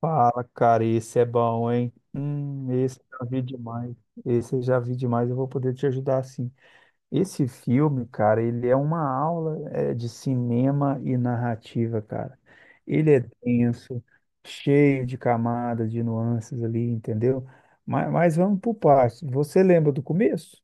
Fala, cara, esse é bom, hein? Esse eu já vi demais. Esse eu já vi demais, eu vou poder te ajudar sim. Esse filme, cara, ele é uma aula é, de cinema e narrativa, cara. Ele é denso, cheio de camadas, de nuances ali, entendeu? Mas vamos por partes. Você lembra do começo?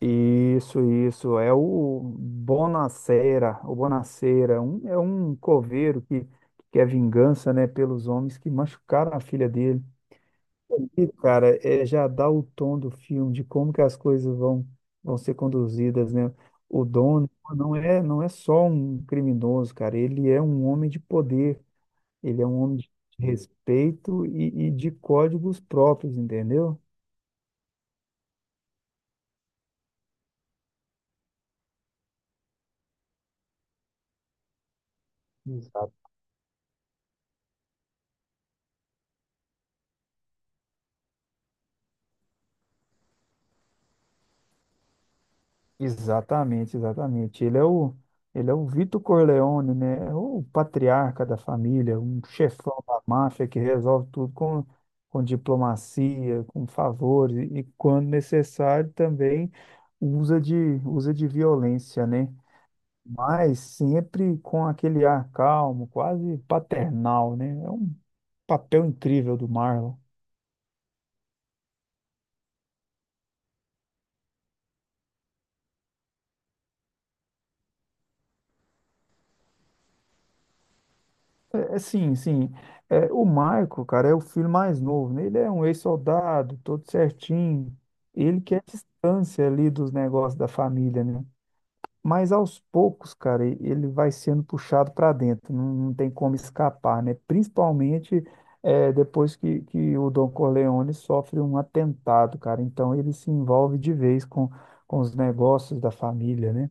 Isso, isso. É o Bonacera. O Bonacera é um coveiro que quer vingança, né, pelos homens que machucaram a filha dele. E, cara, é, já dá o tom do filme, de como que as coisas vão, vão ser conduzidas, né? O dono não é só um criminoso, cara. Ele é um homem de poder. Ele é um homem de respeito e de códigos próprios, entendeu? Exatamente, exatamente. Ele é o Vito Corleone, né? É o patriarca da família, um chefão da máfia que resolve tudo com diplomacia, com favores e, quando necessário também usa usa de violência, né? Mas sempre com aquele ar calmo, quase paternal, né? É um papel incrível do Marlon. É, sim, sim. É, o Marco, cara, é o filho mais novo, né? Ele é um ex-soldado, todo certinho. Ele quer distância ali dos negócios da família, né? Mas aos poucos, cara, ele vai sendo puxado para dentro, não tem como escapar, né? Principalmente é, depois que o Don Corleone sofre um atentado, cara. Então ele se envolve de vez com os negócios da família, né?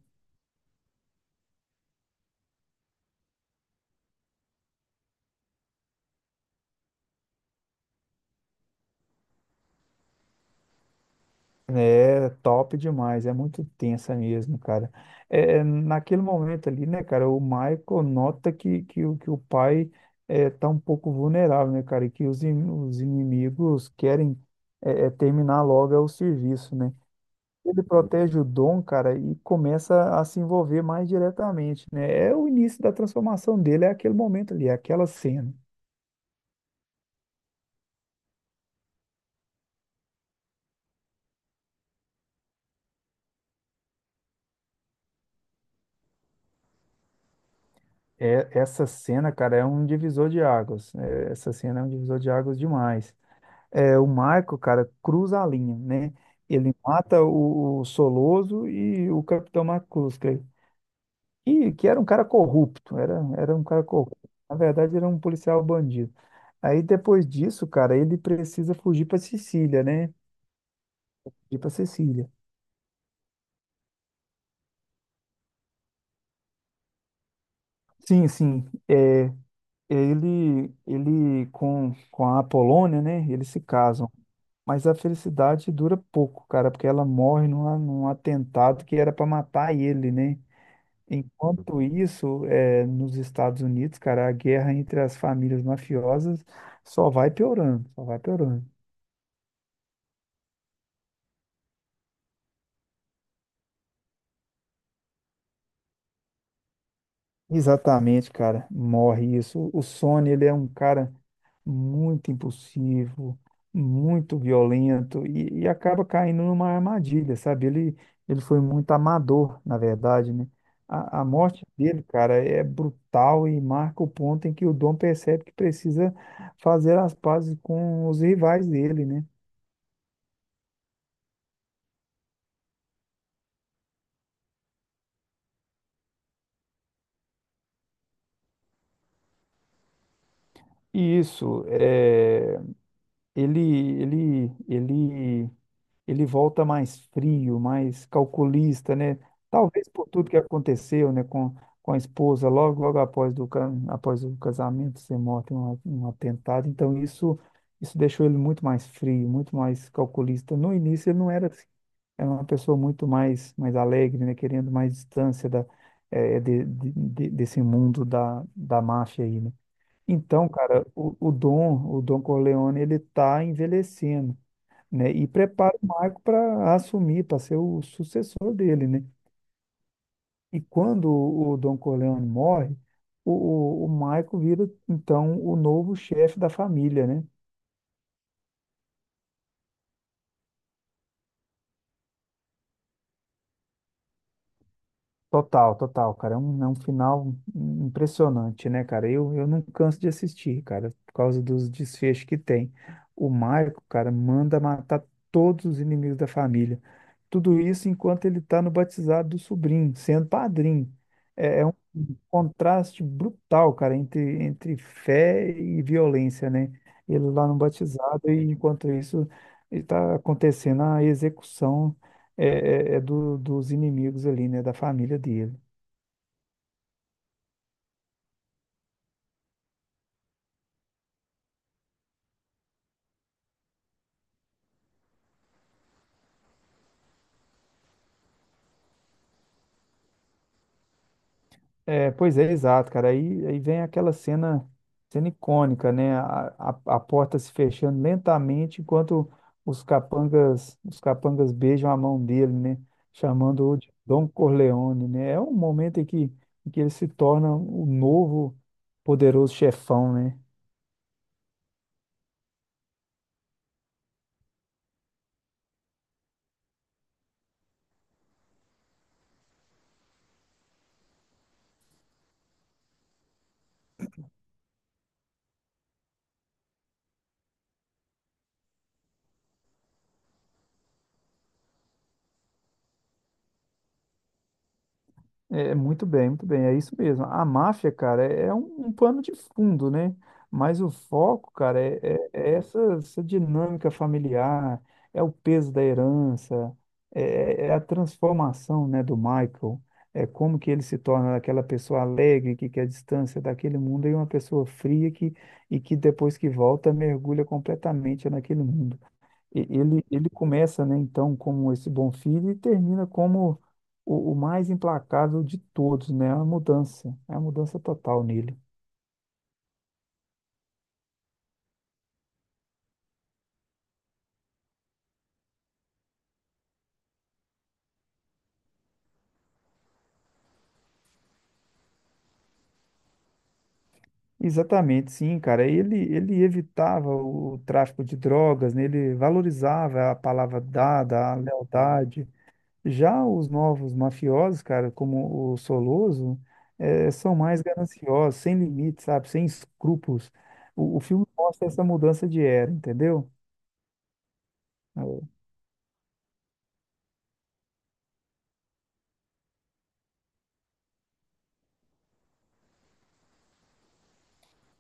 É top demais, é muito tensa mesmo, cara. É, naquele momento ali, né, cara, o Michael nota que o pai é, tá um pouco vulnerável, né, cara, e que os inimigos querem terminar logo é o serviço, né? Ele protege o Dom, cara, e começa a se envolver mais diretamente, né? É o início da transformação dele, é aquele momento ali, é aquela cena. É, essa cena, cara, é um divisor de águas. É, essa cena é um divisor de águas demais. É, o Marco, cara, cruza a linha, né? Ele mata o Soloso e o Capitão McCluskey, e que era um cara corrupto, era um cara corrupto. Na verdade, era um policial bandido. Aí depois disso, cara, ele precisa fugir para Sicília, né? Fugir para Sicília. Sim, sim. É, ele com a Apolônia, né? Eles se casam. Mas a felicidade dura pouco, cara, porque ela morre num atentado que era para matar ele, né? Enquanto isso, é, nos Estados Unidos, cara, a guerra entre as famílias mafiosas só vai piorando, só vai piorando. Exatamente, cara, morre isso. O Sony, ele é um cara muito impulsivo, muito violento e acaba caindo numa armadilha, sabe? Ele foi muito amador, na verdade, né? A morte dele, cara, é brutal e marca o ponto em que o Dom percebe que precisa fazer as pazes com os rivais dele, né? Isso, é, ele, ele, ele, ele volta mais frio, mais calculista, né? Talvez por tudo que aconteceu, né, com a esposa, logo, logo após, após o casamento ser morto em um, um atentado. Então, isso deixou ele muito mais frio, muito mais calculista. No início, ele não era assim. Era uma pessoa muito mais, mais alegre, né? Querendo mais distância da, é, desse mundo da, da máfia aí, né? Então, cara, o Dom Corleone, ele tá envelhecendo, né? E prepara o Marco para assumir, para ser o sucessor dele, né? E quando o Dom Corleone morre, o, o Marco vira, então, o novo chefe da família, né? Total, total, cara. É um final impressionante, né, cara? Eu não canso de assistir, cara, por causa dos desfechos que tem. O Marco, cara, manda matar todos os inimigos da família. Tudo isso enquanto ele está no batizado do sobrinho, sendo padrinho. É, é um contraste brutal, cara, entre, entre fé e violência, né? Ele lá no batizado e enquanto isso está acontecendo a execução dos inimigos ali, né? Da família dele. É, pois é, exato, cara. Aí, aí vem aquela cena, cena icônica, né? A porta se fechando lentamente enquanto os capangas beijam a mão dele, né? Chamando-o de Don Corleone, né? É um momento em que ele se torna o novo poderoso chefão, né? É, é muito bem, é isso mesmo. A máfia, cara, é um, um pano de fundo, né? Mas o foco, cara, é, é essa, essa dinâmica familiar, é o peso da herança, é, é a transformação, né, do Michael, é como que ele se torna aquela pessoa alegre que quer distância daquele mundo e uma pessoa fria e que depois que volta mergulha completamente naquele mundo. Ele, ele começa, né, então, como esse bom filho e termina como o mais implacável de todos, né? É uma mudança total nele. Exatamente, sim, cara. Ele evitava o tráfico de drogas, né? Ele valorizava a palavra dada, a lealdade. Já os novos mafiosos, cara, como o Soloso, são mais gananciosos, sem limites, sabe? Sem escrúpulos. O filme mostra essa mudança de era, entendeu?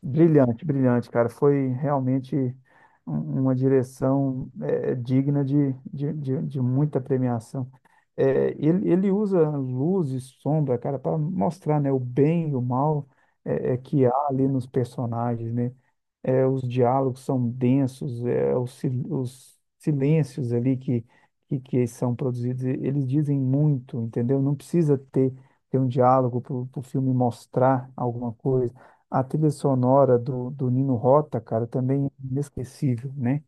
Brilhante, brilhante, cara. Foi realmente uma direção digna de muita premiação. Ele usa luz e sombra, cara, para mostrar, né, o bem e o mal que há ali nos personagens, né? É, os diálogos são densos, é, os silêncios ali que são produzidos, eles dizem muito, entendeu? Não precisa ter, ter um diálogo para o filme mostrar alguma coisa. A trilha sonora do, do Nino Rota, cara, também é inesquecível, né?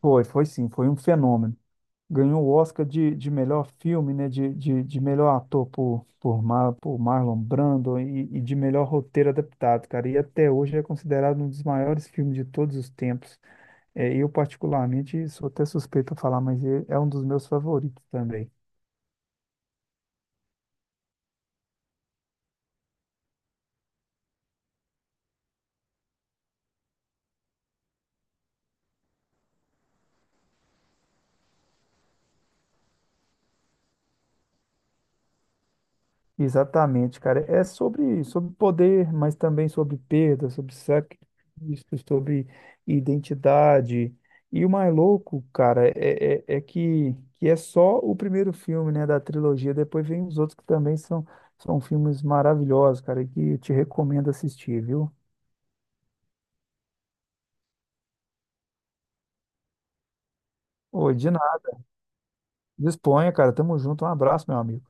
Foi, foi sim, foi um fenômeno. Ganhou o Oscar de melhor filme, né? De melhor ator por Marlon Brando e de melhor roteiro adaptado, cara. E até hoje é considerado um dos maiores filmes de todos os tempos. É, eu, particularmente, sou até suspeito a falar, mas é um dos meus favoritos também. Exatamente, cara. É sobre, sobre poder, mas também sobre perda, sobre sacrifício, sobre identidade. E o mais louco, cara, é, é que é só o primeiro filme, né, da trilogia. Depois vem os outros que também são, são filmes maravilhosos, cara, e que eu te recomendo assistir, viu? Ô, de nada. Disponha, cara. Tamo junto. Um abraço, meu amigo.